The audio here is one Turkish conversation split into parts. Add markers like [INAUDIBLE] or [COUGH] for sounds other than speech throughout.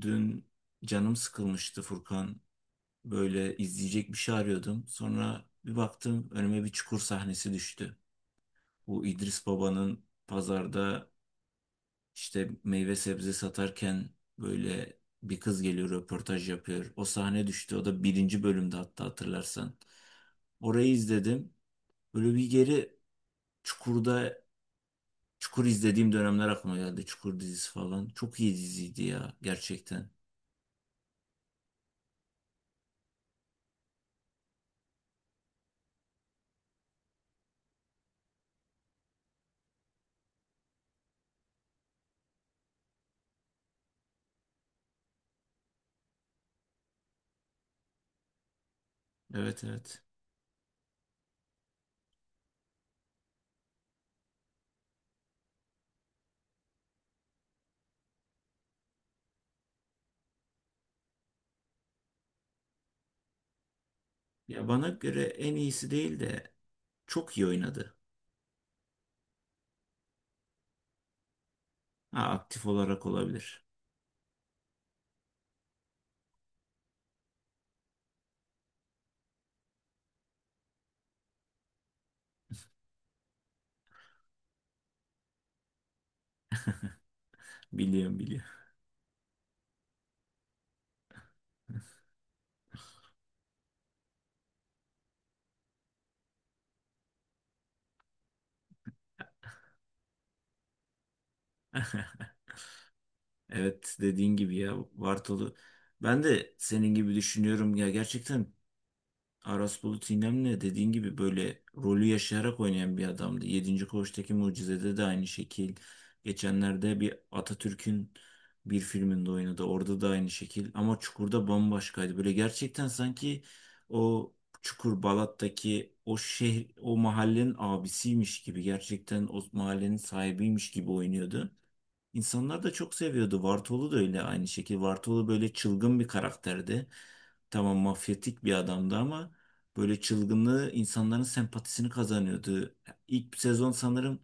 Dün canım sıkılmıştı Furkan. Böyle izleyecek bir şey arıyordum. Sonra bir baktım önüme bir çukur sahnesi düştü. Bu İdris Baba'nın pazarda işte meyve sebze satarken böyle bir kız geliyor röportaj yapıyor. O sahne düştü. O da birinci bölümde hatta hatırlarsan. Orayı izledim. Böyle bir geri Çukur'da Çukur izlediğim dönemler aklıma geldi. Çukur dizisi falan. Çok iyi diziydi ya gerçekten. Evet evet. Ya bana göre en iyisi değil de çok iyi oynadı. Ha, aktif olarak olabilir. Biliyorum biliyorum. [LAUGHS] Evet dediğin gibi ya Bartolu. Ben de senin gibi düşünüyorum ya gerçekten Aras Bulut İynemli dediğin gibi böyle rolü yaşayarak oynayan bir adamdı. Yedinci Koğuştaki Mucize'de de aynı şekil. Geçenlerde bir Atatürk'ün bir filminde oynadı. Orada da aynı şekil. Ama Çukur'da bambaşkaydı. Böyle gerçekten sanki o Çukur Balat'taki o şehir, o mahallenin abisiymiş gibi. Gerçekten o mahallenin sahibiymiş gibi oynuyordu. İnsanlar da çok seviyordu. Vartolu da öyle aynı şekilde. Vartolu böyle çılgın bir karakterdi. Tamam mafyatik bir adamdı ama böyle çılgınlığı insanların sempatisini kazanıyordu. İlk sezon sanırım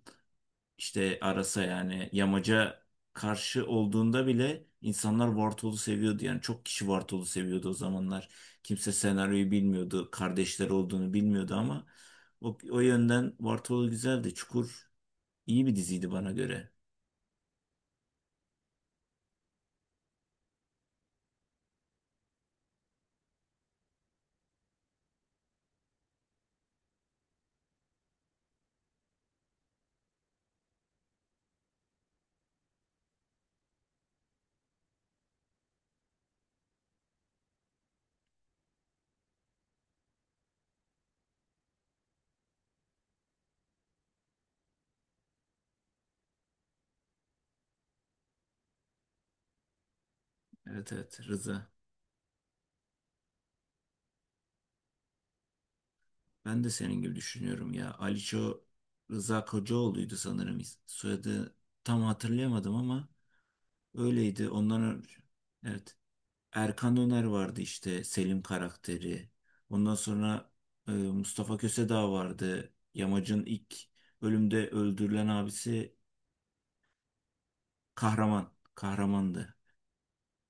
işte Arasa yani Yamaca karşı olduğunda bile insanlar Vartolu seviyordu. Yani çok kişi Vartolu seviyordu o zamanlar. Kimse senaryoyu bilmiyordu. Kardeşler olduğunu bilmiyordu ama o, o yönden Vartolu güzeldi. Çukur iyi bir diziydi bana göre. Evet evet Rıza. Ben de senin gibi düşünüyorum ya. Aliço Rıza Kocaoğlu'ydu sanırım soyadı. Tam hatırlayamadım ama öyleydi. Ondan önce evet. Erkan Öner vardı işte Selim karakteri. Ondan sonra Mustafa Kösedağ vardı. Yamacın ilk bölümde öldürülen abisi Kahraman. Kahramandı.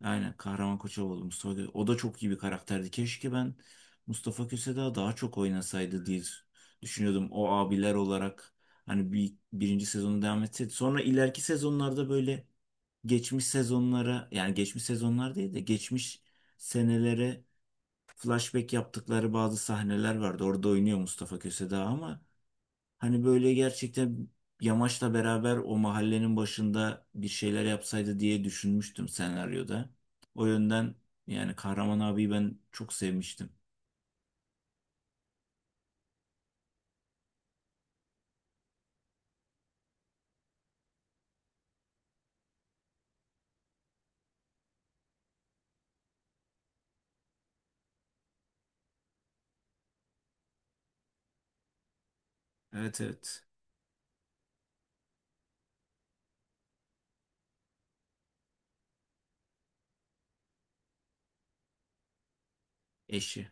Aynen Kahraman Koçovalı. O da çok iyi bir karakterdi. Keşke ben Mustafa Köse daha çok oynasaydı diye düşünüyordum. O abiler olarak hani birinci sezonu devam etseydi. Sonra ileriki sezonlarda böyle geçmiş sezonlara yani geçmiş sezonlar değil de geçmiş senelere flashback yaptıkları bazı sahneler vardı. Orada oynuyor Mustafa Köse ama hani böyle gerçekten Yamaç'la beraber o mahallenin başında bir şeyler yapsaydı diye düşünmüştüm senaryoda. O yönden yani Kahraman abiyi ben çok sevmiştim. Evet evet. Eşi.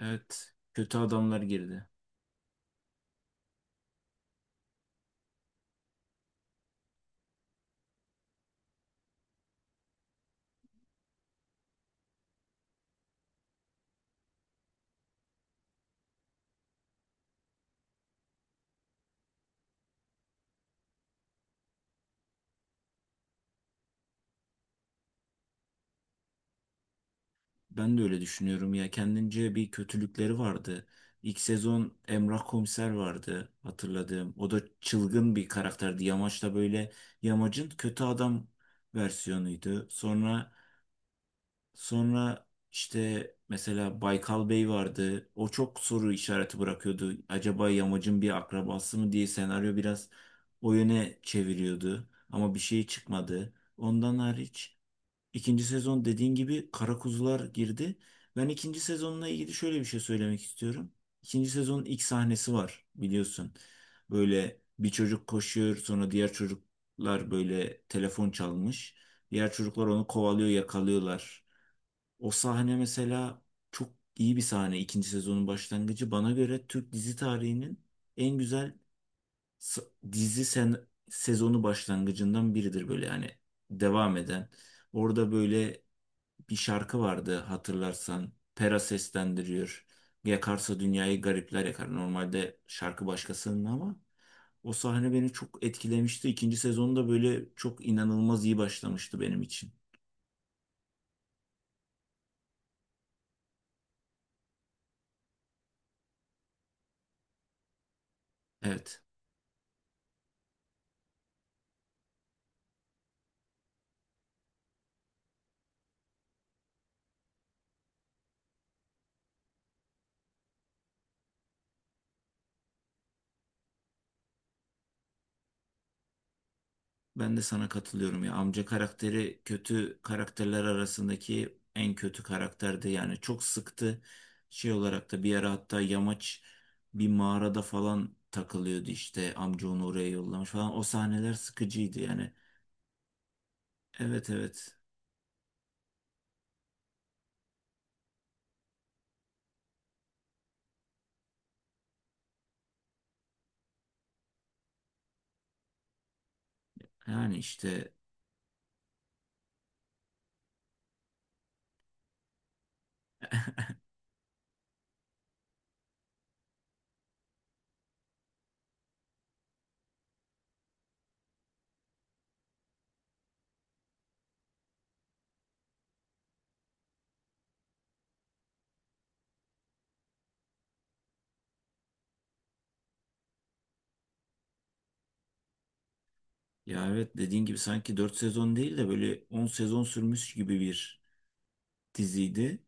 Evet. Kötü adamlar girdi. Ben de öyle düşünüyorum ya. Kendince bir kötülükleri vardı. İlk sezon Emrah Komiser vardı hatırladığım. O da çılgın bir karakterdi. Yamaç da böyle Yamaç'ın kötü adam versiyonuydu. Sonra işte mesela Baykal Bey vardı. O çok soru işareti bırakıyordu. Acaba Yamac'ın bir akrabası mı diye senaryo biraz o yöne çeviriyordu. Ama bir şey çıkmadı. Ondan hariç ikinci sezon dediğin gibi Kara Kuzular girdi. Ben ikinci sezonla ilgili şöyle bir şey söylemek istiyorum. İkinci sezonun ilk sahnesi var biliyorsun. Böyle bir çocuk koşuyor sonra diğer çocuklar böyle telefon çalmış. Diğer çocuklar onu kovalıyor yakalıyorlar. O sahne mesela çok iyi bir sahne. İkinci sezonun başlangıcı. Bana göre Türk dizi tarihinin en güzel s- dizi sezonu başlangıcından biridir böyle yani devam eden. Orada böyle bir şarkı vardı hatırlarsan. Pera seslendiriyor. Yakarsa dünyayı garipler yakar. Normalde şarkı başkasının ama o sahne beni çok etkilemişti. İkinci sezonda böyle çok inanılmaz iyi başlamıştı benim için. Evet. Ben de sana katılıyorum ya. Amca karakteri kötü karakterler arasındaki en kötü karakterdi. Yani çok sıktı. Şey olarak da bir ara hatta yamaç bir mağarada falan takılıyordu işte. Amca onu oraya yollamış falan. O sahneler sıkıcıydı yani. Evet evet. Yani işte ya evet dediğin gibi sanki 4 sezon değil de böyle 10 sezon sürmüş gibi bir diziydi.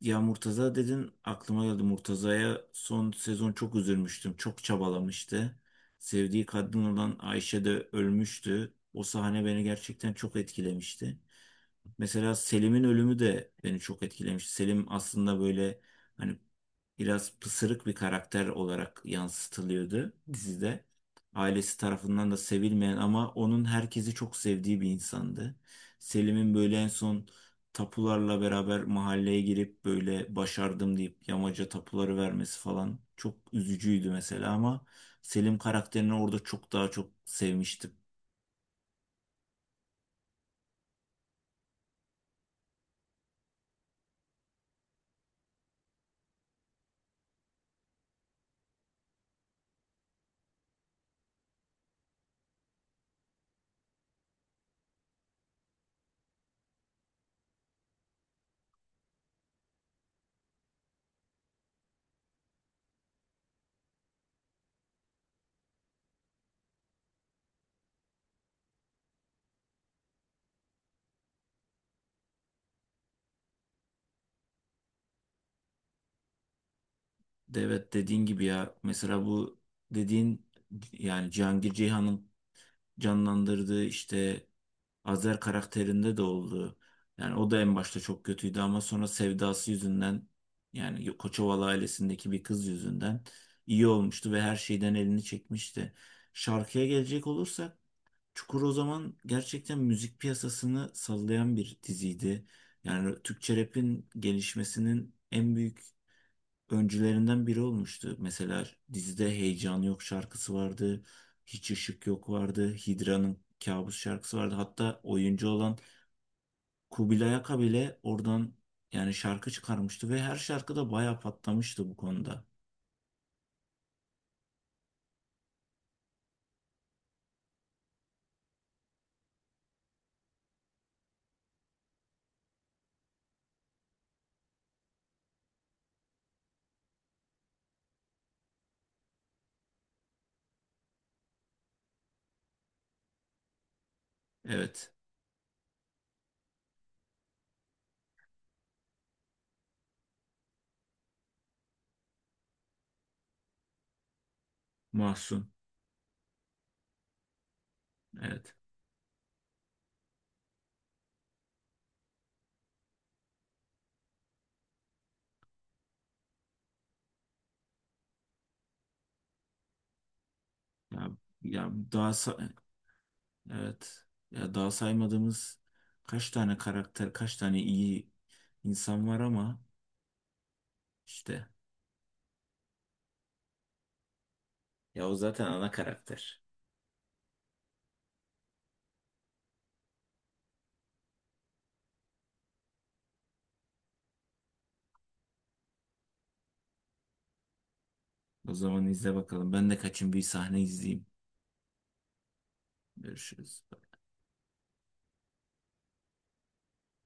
Ya Murtaza dedin aklıma geldi. Murtaza'ya son sezon çok üzülmüştüm. Çok çabalamıştı. Sevdiği kadın olan Ayşe de ölmüştü. O sahne beni gerçekten çok etkilemişti. Mesela Selim'in ölümü de beni çok etkilemiş. Selim aslında böyle hani biraz pısırık bir karakter olarak yansıtılıyordu dizide. Ailesi tarafından da sevilmeyen ama onun herkesi çok sevdiği bir insandı. Selim'in böyle en son tapularla beraber mahalleye girip böyle başardım deyip yamaca tapuları vermesi falan çok üzücüydü mesela ama Selim karakterini orada çok daha çok sevmiştim. Evet dediğin gibi ya mesela bu dediğin yani Cihangir Ceyhan'ın canlandırdığı işte Azer karakterinde de oldu. Yani o da en başta çok kötüydü ama sonra sevdası yüzünden yani Koçovalı ailesindeki bir kız yüzünden iyi olmuştu ve her şeyden elini çekmişti. Şarkıya gelecek olursak Çukur o zaman gerçekten müzik piyasasını sallayan bir diziydi. Yani Türkçe rap'in gelişmesinin en büyük öncülerinden biri olmuştu. Mesela dizide Heyecan Yok şarkısı vardı. Hiç Işık Yok vardı. Hidra'nın Kabus şarkısı vardı. Hatta oyuncu olan Kubilay Aka bile oradan yani şarkı çıkarmıştı ve her şarkıda bayağı patlamıştı bu konuda. Evet. Mahsun. Evet. Ya, ya daha sa- evet. Ya daha saymadığımız kaç tane karakter, kaç tane iyi insan var ama işte ya o zaten ana karakter. O zaman izle bakalım. Ben de kaçın bir sahne izleyeyim. Görüşürüz.